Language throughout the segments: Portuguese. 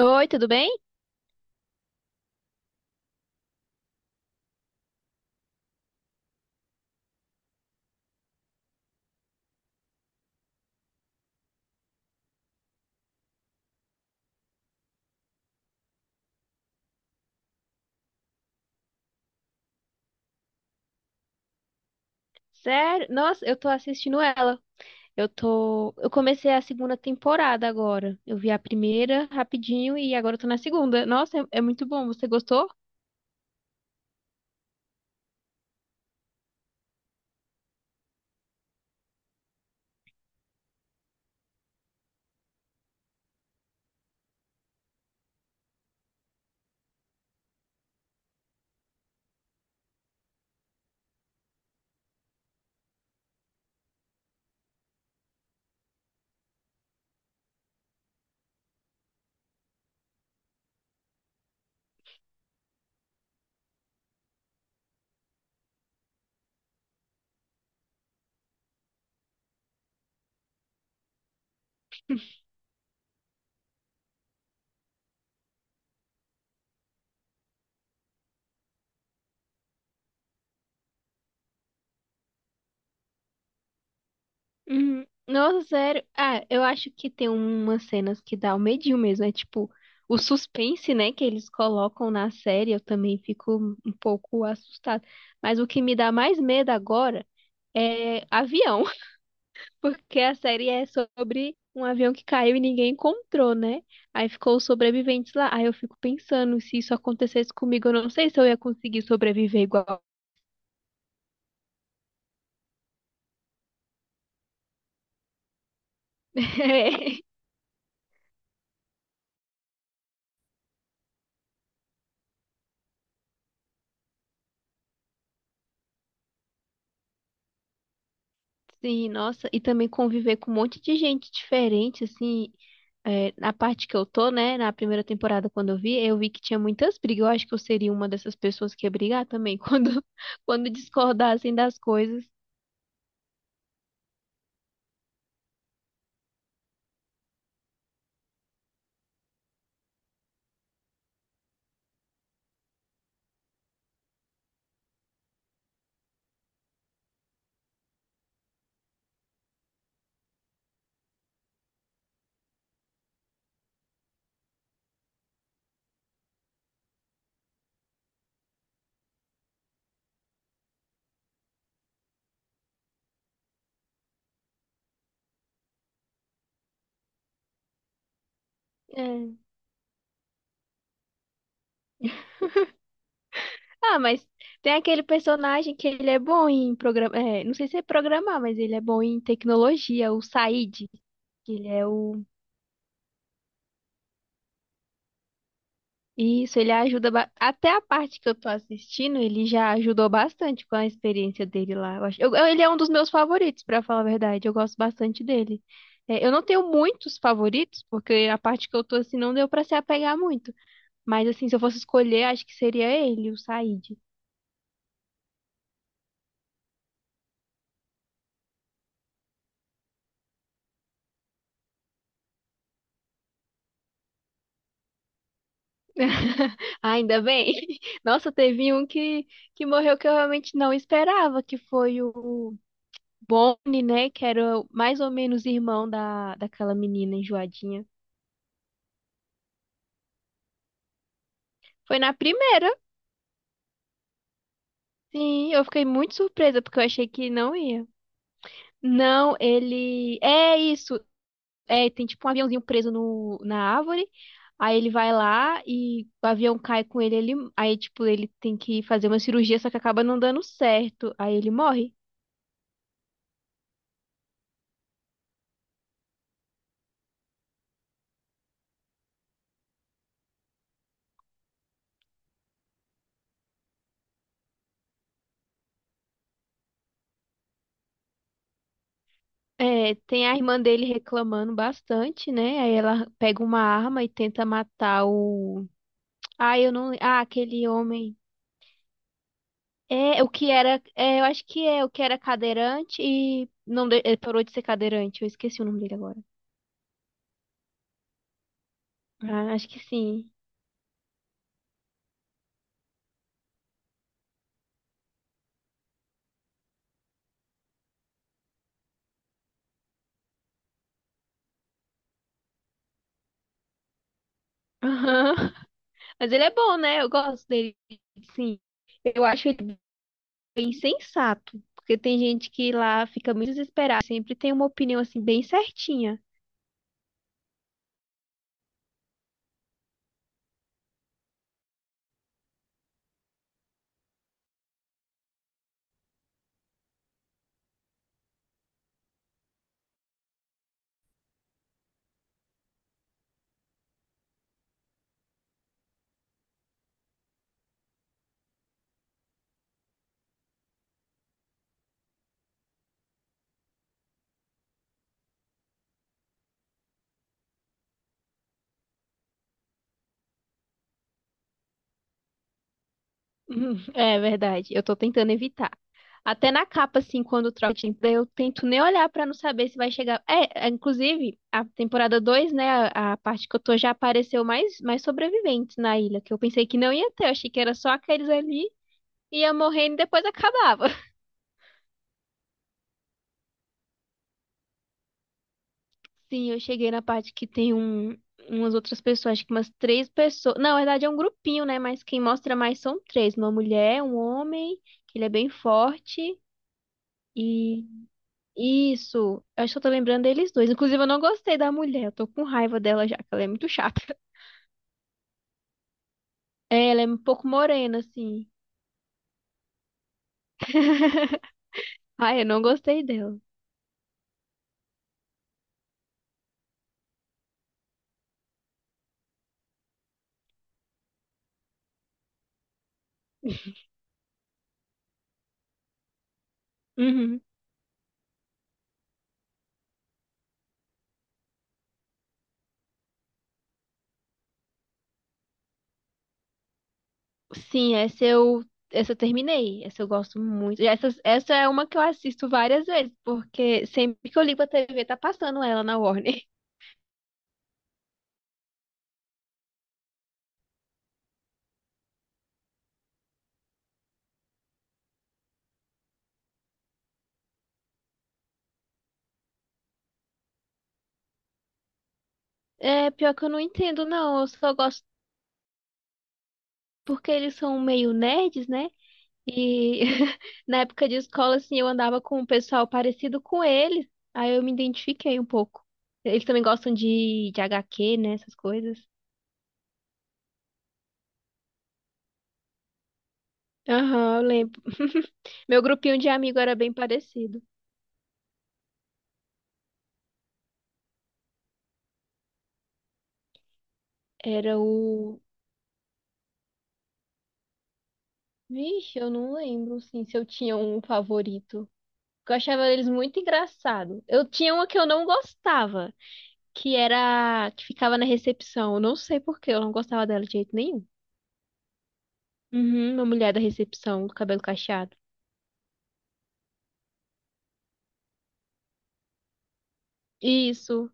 Oi, tudo bem? Sério? Nossa, eu tô assistindo ela. Eu comecei a segunda temporada agora. Eu vi a primeira rapidinho e agora eu tô na segunda. Nossa, é muito bom. Você gostou? Uhum. Nossa, sério. Ah, eu acho que tem umas cenas que dá o medinho mesmo. É tipo o suspense, né, que eles colocam na série. Eu também fico um pouco assustada. Mas o que me dá mais medo agora é avião. Porque a série é sobre um avião que caiu e ninguém encontrou, né? Aí ficou os sobreviventes lá. Aí eu fico pensando, se isso acontecesse comigo, eu não sei se eu ia conseguir sobreviver igual. Sim, nossa, e também conviver com um monte de gente diferente, assim, na parte que eu tô, né, na primeira temporada quando eu vi que tinha muitas brigas, eu acho que eu seria uma dessas pessoas que ia brigar também, quando discordassem das coisas. É. Ah, mas tem aquele personagem que ele é bom em programar. Não sei se é programar, mas ele é bom em tecnologia, o Said. Que ele é o. Isso, ele ajuda. Ba- Até a parte que eu tô assistindo, ele já ajudou bastante com a experiência dele lá. Eu acho... ele é um dos meus favoritos, pra falar a verdade. Eu gosto bastante dele. É, eu não tenho muitos favoritos, porque a parte que eu tô assim não deu pra se apegar muito. Mas assim, se eu fosse escolher, acho que seria ele, o Said. Ainda bem. Nossa, que morreu que eu realmente não esperava, que foi o Bonnie, né? Que era o- mais ou menos irmão da, daquela menina enjoadinha. Foi na primeira. Sim, eu fiquei muito surpresa, porque eu achei que não ia. Não, ele. É isso. É, tem tipo um aviãozinho preso no, na árvore. Aí ele vai lá e o avião cai com ele, ele. Aí, tipo, ele tem que fazer uma cirurgia, só que acaba não dando certo. Aí ele morre. É, tem a irmã dele reclamando bastante, né? Aí ela pega uma arma e tenta matar o. Ah, eu não. Ah, aquele homem. É, o que era. É, eu acho que é o que era cadeirante e. Não, de- ele parou de ser cadeirante. Eu esqueci o nome dele agora. Ah, acho que sim. Aham. Mas ele é bom, né? Eu gosto dele, sim. Eu acho ele bem sensato. Porque tem gente que lá fica muito desesperada. Sempre tem uma opinião assim, bem certinha. Uhum, é verdade, eu tô tentando evitar. Até na capa, assim, quando troca de emprego, eu tento nem olhar pra não saber se vai chegar. Inclusive, a temporada 2, né, a parte que eu tô já apareceu mais, mais sobreviventes na ilha, que eu pensei que não ia ter, eu achei que era só aqueles ali, ia morrendo e depois acabava. Sim, eu cheguei na parte que tem um, umas outras pessoas, acho que umas três pessoas. Não, na verdade, é um grupinho, né, mas quem mostra mais são três: uma mulher, um homem, que ele é bem forte. Isso, eu só tô lembrando deles dois. Inclusive, eu não gostei da mulher, eu tô com raiva dela já, que ela é muito chata. É, ela é um pouco morena, assim. Ai, eu não gostei dela. Uhum. Sim, essa eu terminei. Essa eu gosto muito. Essa é uma que eu assisto várias vezes, porque sempre que eu ligo a TV tá passando ela na Warner. É, pior que eu não entendo, não. Eu só gosto porque eles são meio nerds, né? E na época de escola, assim, eu andava com um pessoal parecido com eles. Aí eu me identifiquei um pouco. Eles também gostam de HQ, né? Essas coisas. Aham, eu lembro. Meu grupinho de amigo era bem parecido. Era o. Vixe, eu não lembro, assim, se eu tinha um favorito. Eu achava eles muito engraçados. Eu tinha uma que eu não gostava, que era. Que ficava na recepção. Eu não sei por quê, eu não gostava dela de jeito nenhum. Uhum, uma mulher da recepção, com cabelo cacheado. Isso.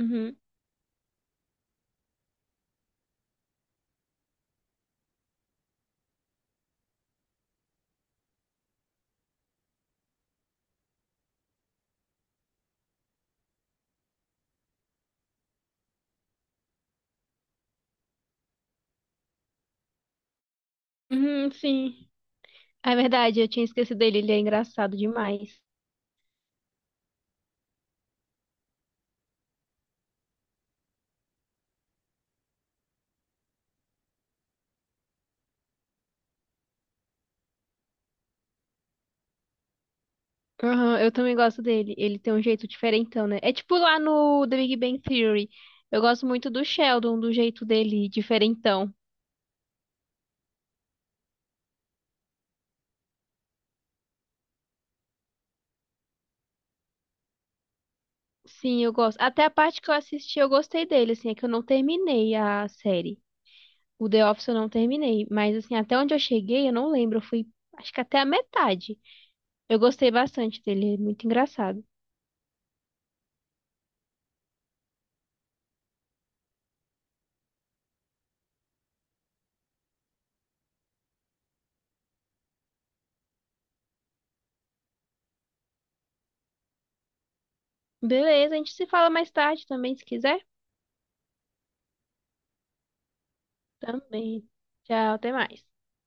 Uhum. Uhum, sim. É verdade, eu tinha esquecido dele, ele é engraçado demais. Aham, eu também gosto dele. Ele tem um jeito diferentão, né? É tipo lá no The Big Bang Theory. Eu gosto muito do Sheldon, do jeito dele, diferentão. Sim, eu gosto. Até a parte que eu assisti, eu gostei dele, assim, é que eu não terminei a série. O The Office eu não terminei, mas assim, até onde eu cheguei, eu não lembro, eu fui, acho que até a metade. Eu gostei bastante dele, é muito engraçado. Beleza, a gente se fala mais tarde também, se quiser. Também. Tchau, até mais.